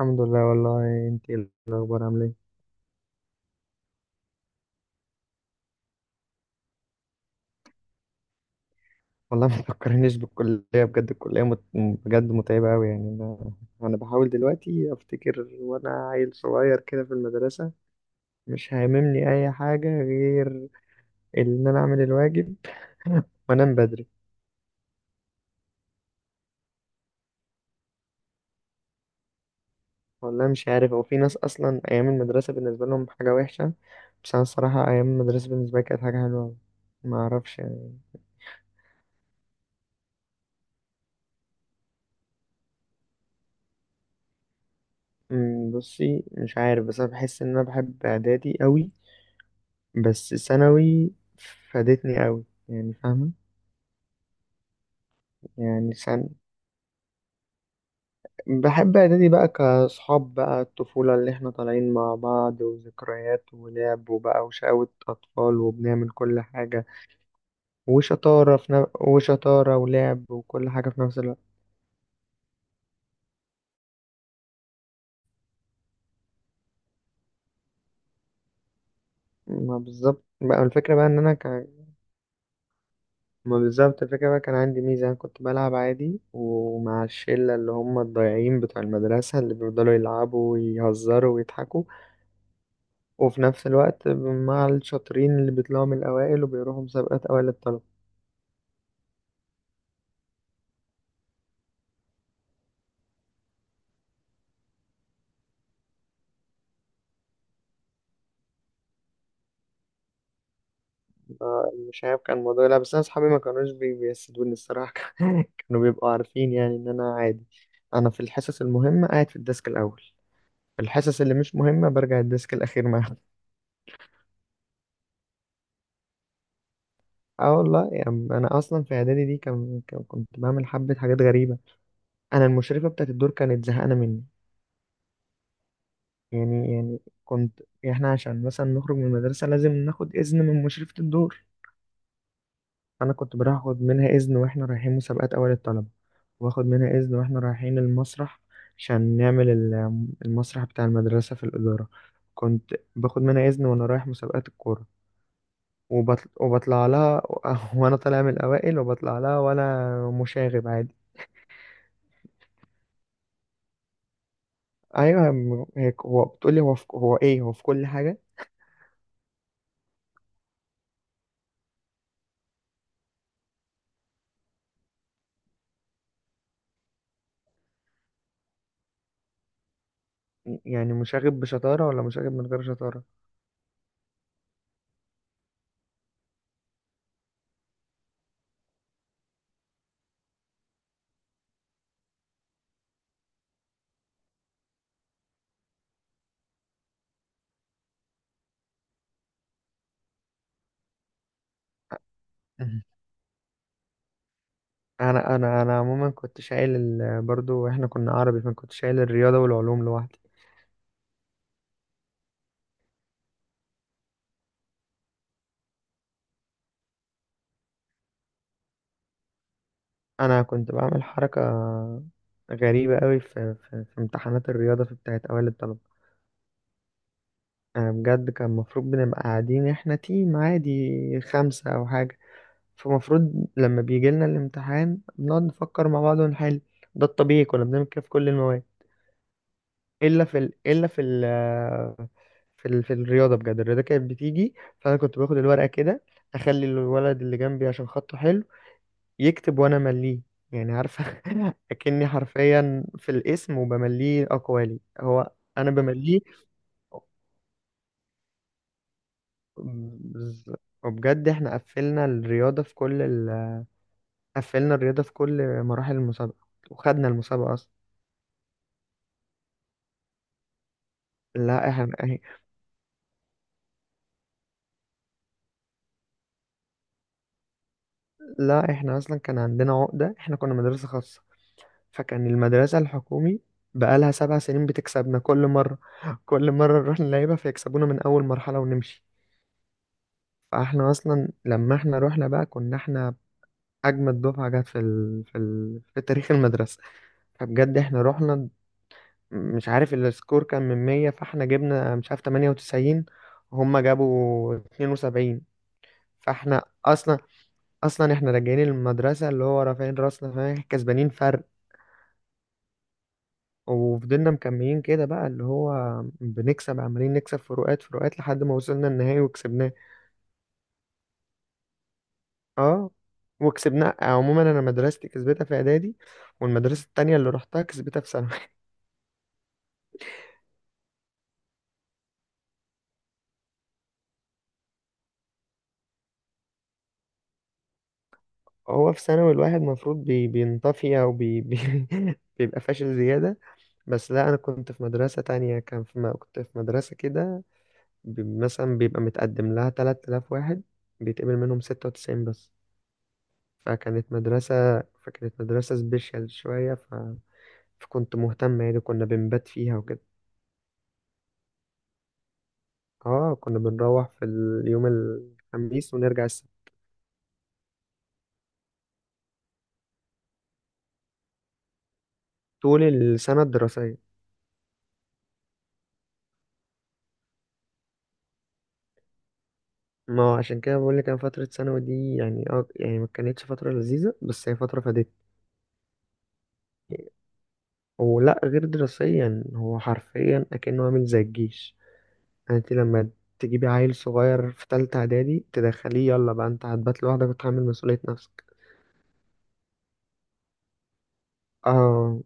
الحمد لله. والله انت ايه الاخبار؟ عامله ايه؟ والله ما تفكرنيش بالكليه بجد. الكليه بجد متعبه قوي يعني انا بحاول دلوقتي افتكر وانا عيل صغير كده في المدرسه، مش هاممني اي حاجه غير ان انا اعمل الواجب وانام بدري. والله مش عارف، هو في ناس اصلا ايام المدرسه بالنسبه لهم حاجه وحشه، بس انا الصراحه ايام المدرسه بالنسبه لي كانت حاجه حلوه أوي. ما اعرفش يعني. بصي، مش عارف بس انا بحس ان انا بحب اعدادي قوي. بس ثانوي فادتني قوي، يعني فاهمة؟ يعني سن... بحب إعدادي بقى، كأصحاب بقى الطفولة اللي إحنا طالعين مع بعض وذكريات ولعب وبقى وشقاوة أطفال وبنعمل كل حاجة وشطارة وشطارة ولعب وكل حاجة في نفس الوقت. ما بالظبط بقى الفكرة بقى إن أنا كان ما بالظبط الفكرة بقى، كان عندي ميزة، أنا كنت بلعب عادي ومع الشلة اللي هم الضايعين بتوع المدرسة اللي بيفضلوا يلعبوا ويهزروا ويضحكوا، وفي نفس الوقت مع الشاطرين اللي بيطلعوا من الأوائل وبيروحوا مسابقات أوائل الطلبة. آه، مش عارف كان الموضوع. لا بس أنا أصحابي ما كانوش بيحسدوني الصراحة. كانوا بيبقوا عارفين يعني إن أنا عادي. أنا في الحصص المهمة قاعد في الديسك الأول، في الحصص اللي مش مهمة برجع الديسك الأخير معاهم. اه والله يعني أنا أصلا في إعدادي دي كنت بعمل حبة حاجات غريبة. أنا المشرفة بتاعت الدور كانت زهقانة مني. يعني، كنت يعني إحنا عشان مثلا نخرج من المدرسة لازم ناخد إذن من مشرفة الدور. انا كنت باخد منها اذن واحنا رايحين مسابقات اوائل الطلبه، واخد منها اذن واحنا رايحين المسرح عشان نعمل المسرح بتاع المدرسه في الاداره، كنت باخد منها اذن وانا رايح مسابقات الكوره. وبطلع لها وانا طالع من الاوائل وبطلع لها وانا مشاغب عادي. ايوه. هيك هو، بتقولي هو هو ايه، هو في كل حاجه. يعني مشاغب بشطاره ولا مشاغب من غير شطاره؟ مهم. انا عموما كنت شايل برضو احنا كنا عربي، فكنت شايل الرياضه والعلوم لوحدي. انا كنت بعمل حركه غريبه قوي في امتحانات الرياضه في بتاعه اوائل الطلبه. أنا بجد كان المفروض بنبقى قاعدين احنا تيم عادي 5 او حاجه، فمفروض لما بيجي لنا الامتحان بنقعد نفكر مع بعض ونحل. ده الطبيعي، كنا بنعمل كده في كل المواد الا في ال... الا في ال... في, ال... في الرياضه. بجد الرياضه كانت بتيجي، فانا كنت باخد الورقه كده، اخلي الولد اللي جنبي عشان خطه حلو يكتب وانا مليه، يعني عارفه؟ اكني حرفيا في الاسم وبمليه اقوالي هو. انا بمليه. بز- وبجد احنا قفلنا الرياضه قفلنا الرياضه في كل مراحل المسابقه وخدنا المسابقه اصلا. لا احنا إيه- لا احنا اصلا كان عندنا عقده، احنا كنا مدرسه خاصه، فكان المدرسه الحكومي بقالها 7 سنين بتكسبنا كل مره، كل مره نروح نلعبها فيكسبونا من اول مرحله ونمشي. فاحنا اصلا لما احنا رحنا بقى، كنا احنا اجمد دفعه جت في تاريخ المدرسه. فبجد احنا رحنا، مش عارف السكور كان من 100، فاحنا جبنا مش عارف 98، وهم جابوا 72. فاحنا اصلا احنا راجعين المدرسه اللي هو رافعين راسنا، فاهم، كسبانين فرق. وفضلنا مكملين كده بقى اللي هو بنكسب، عمالين نكسب فروقات فروقات لحد ما وصلنا النهائي وكسبناه. اه وكسبناه. عموما انا مدرستي كسبتها في اعدادي، والمدرسه التانية اللي رحتها كسبتها في ثانوي. هو في ثانوي الواحد المفروض بينطفي او بي بي بيبقى فاشل زيادة. بس لا، انا كنت في مدرسة تانية. كان كنت في مدرسة كده، مثلا بيبقى متقدم لها 3000 واحد، بيتقبل منهم 96 بس. فكانت مدرسة فكانت مدرسة سبيشال شوية فكنت مهتم، يعني كنا بنبات فيها وكده. اه، كنا بنروح في اليوم الخميس ونرجع السبت، طول السنة الدراسية. ما هو عشان كده بقول لك، انا فتره ثانوي دي يعني يعني ما كانتش فتره لذيذه، بس هي فتره فادتني. ولا غير دراسيا، هو حرفيا اكنه عامل زي الجيش. يعني انت لما تجيبي عيل صغير في تالتة اعدادي تدخليه، يلا بقى انت هتبات لوحدك وتحمل مسؤوليه نفسك. اه،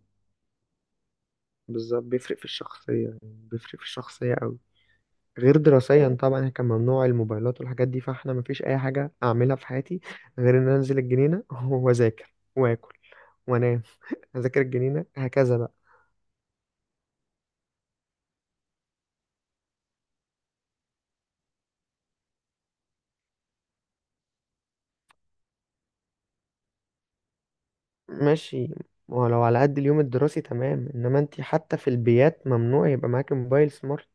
بالظبط بيفرق في الشخصيه، بيفرق في الشخصيه قوي. غير دراسيا طبعا، يعني كان ممنوع الموبايلات والحاجات دي، فاحنا مفيش اي حاجه اعملها في حياتي غير ان أنا انزل الجنينه واذاكر واكل وانام. اذاكر الجنينه هكذا بقى. ماشي. ولو على قد اليوم الدراسي تمام، انما انت حتى في البيات ممنوع يبقى معاكي موبايل سمارت.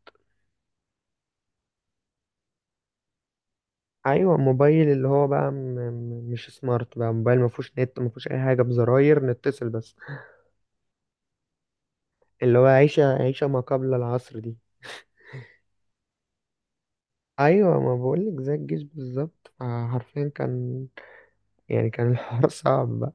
ايوه، موبايل اللي هو بقى مش سمارت بقى، موبايل ما فيهوش نت، ما فيهوش اي حاجه، بزراير نتصل بس. اللي هو عيشه، عيشه ما قبل العصر دي. ايوه، ما بقولك زي الجيش بالظبط، آه، حرفيا كان، يعني كان الحوار صعب بقى.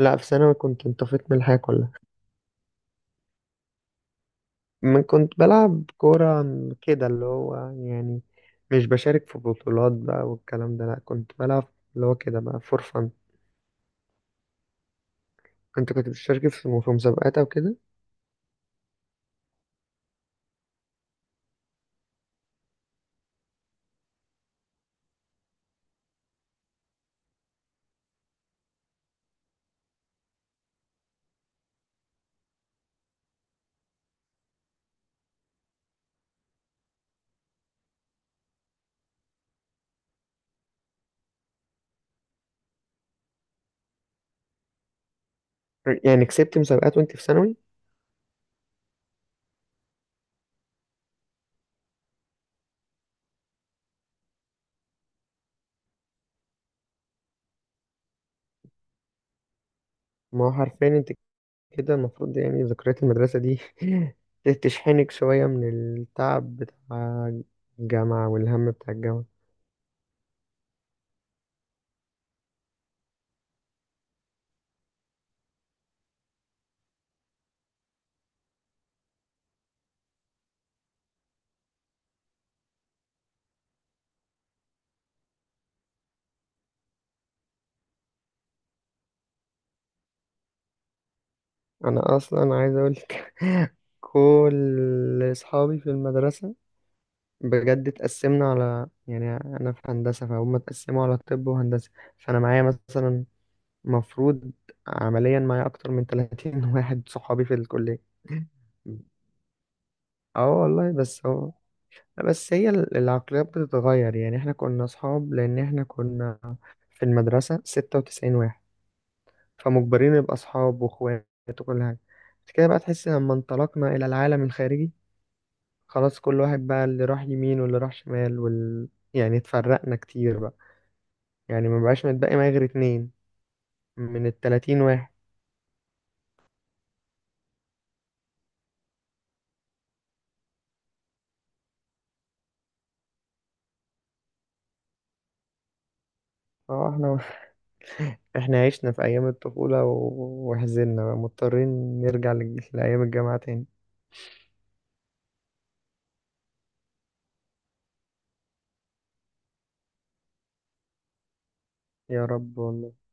لا، في ثانوي كنت انطفيت من الحياة كلها. من كنت بلعب كورة كده، اللي هو يعني مش بشارك في بطولات بقى والكلام ده، لا كنت بلعب اللي هو كده بقى فور فن. انت كنت بتشارك في مسابقات او كده؟ يعني كسبت مسابقات وانت في ثانوي؟ ما هو حرفيا انت كده المفروض، يعني ذكريات المدرسة دي تشحنك شوية من التعب بتاع الجامعة والهم بتاع الجامعة. انا اصلا عايز اقول لك كل اصحابي في المدرسه، بجد اتقسمنا على، يعني انا في هندسه، فهم اتقسموا على طب وهندسه. فانا معايا مثلا، مفروض عمليا معايا اكتر من 30 واحد صحابي في الكليه. اه والله. بس هي العقليات بتتغير، يعني احنا كنا اصحاب لان احنا كنا في المدرسه 96 واحد، فمجبرين نبقى أصحاب وإخوات وكل حاجة. بس كده بقى تحس لما انطلقنا إلى العالم الخارجي، خلاص كل واحد بقى اللي راح يمين واللي راح شمال يعني اتفرقنا كتير بقى، يعني ما بقاش متبقي معايا غير 2 من الـ30 واحد. اه. احنا احنا عشنا في أيام الطفولة وحزننا بقى مضطرين نرجع لأيام الجامعة تاني. يا رب والله.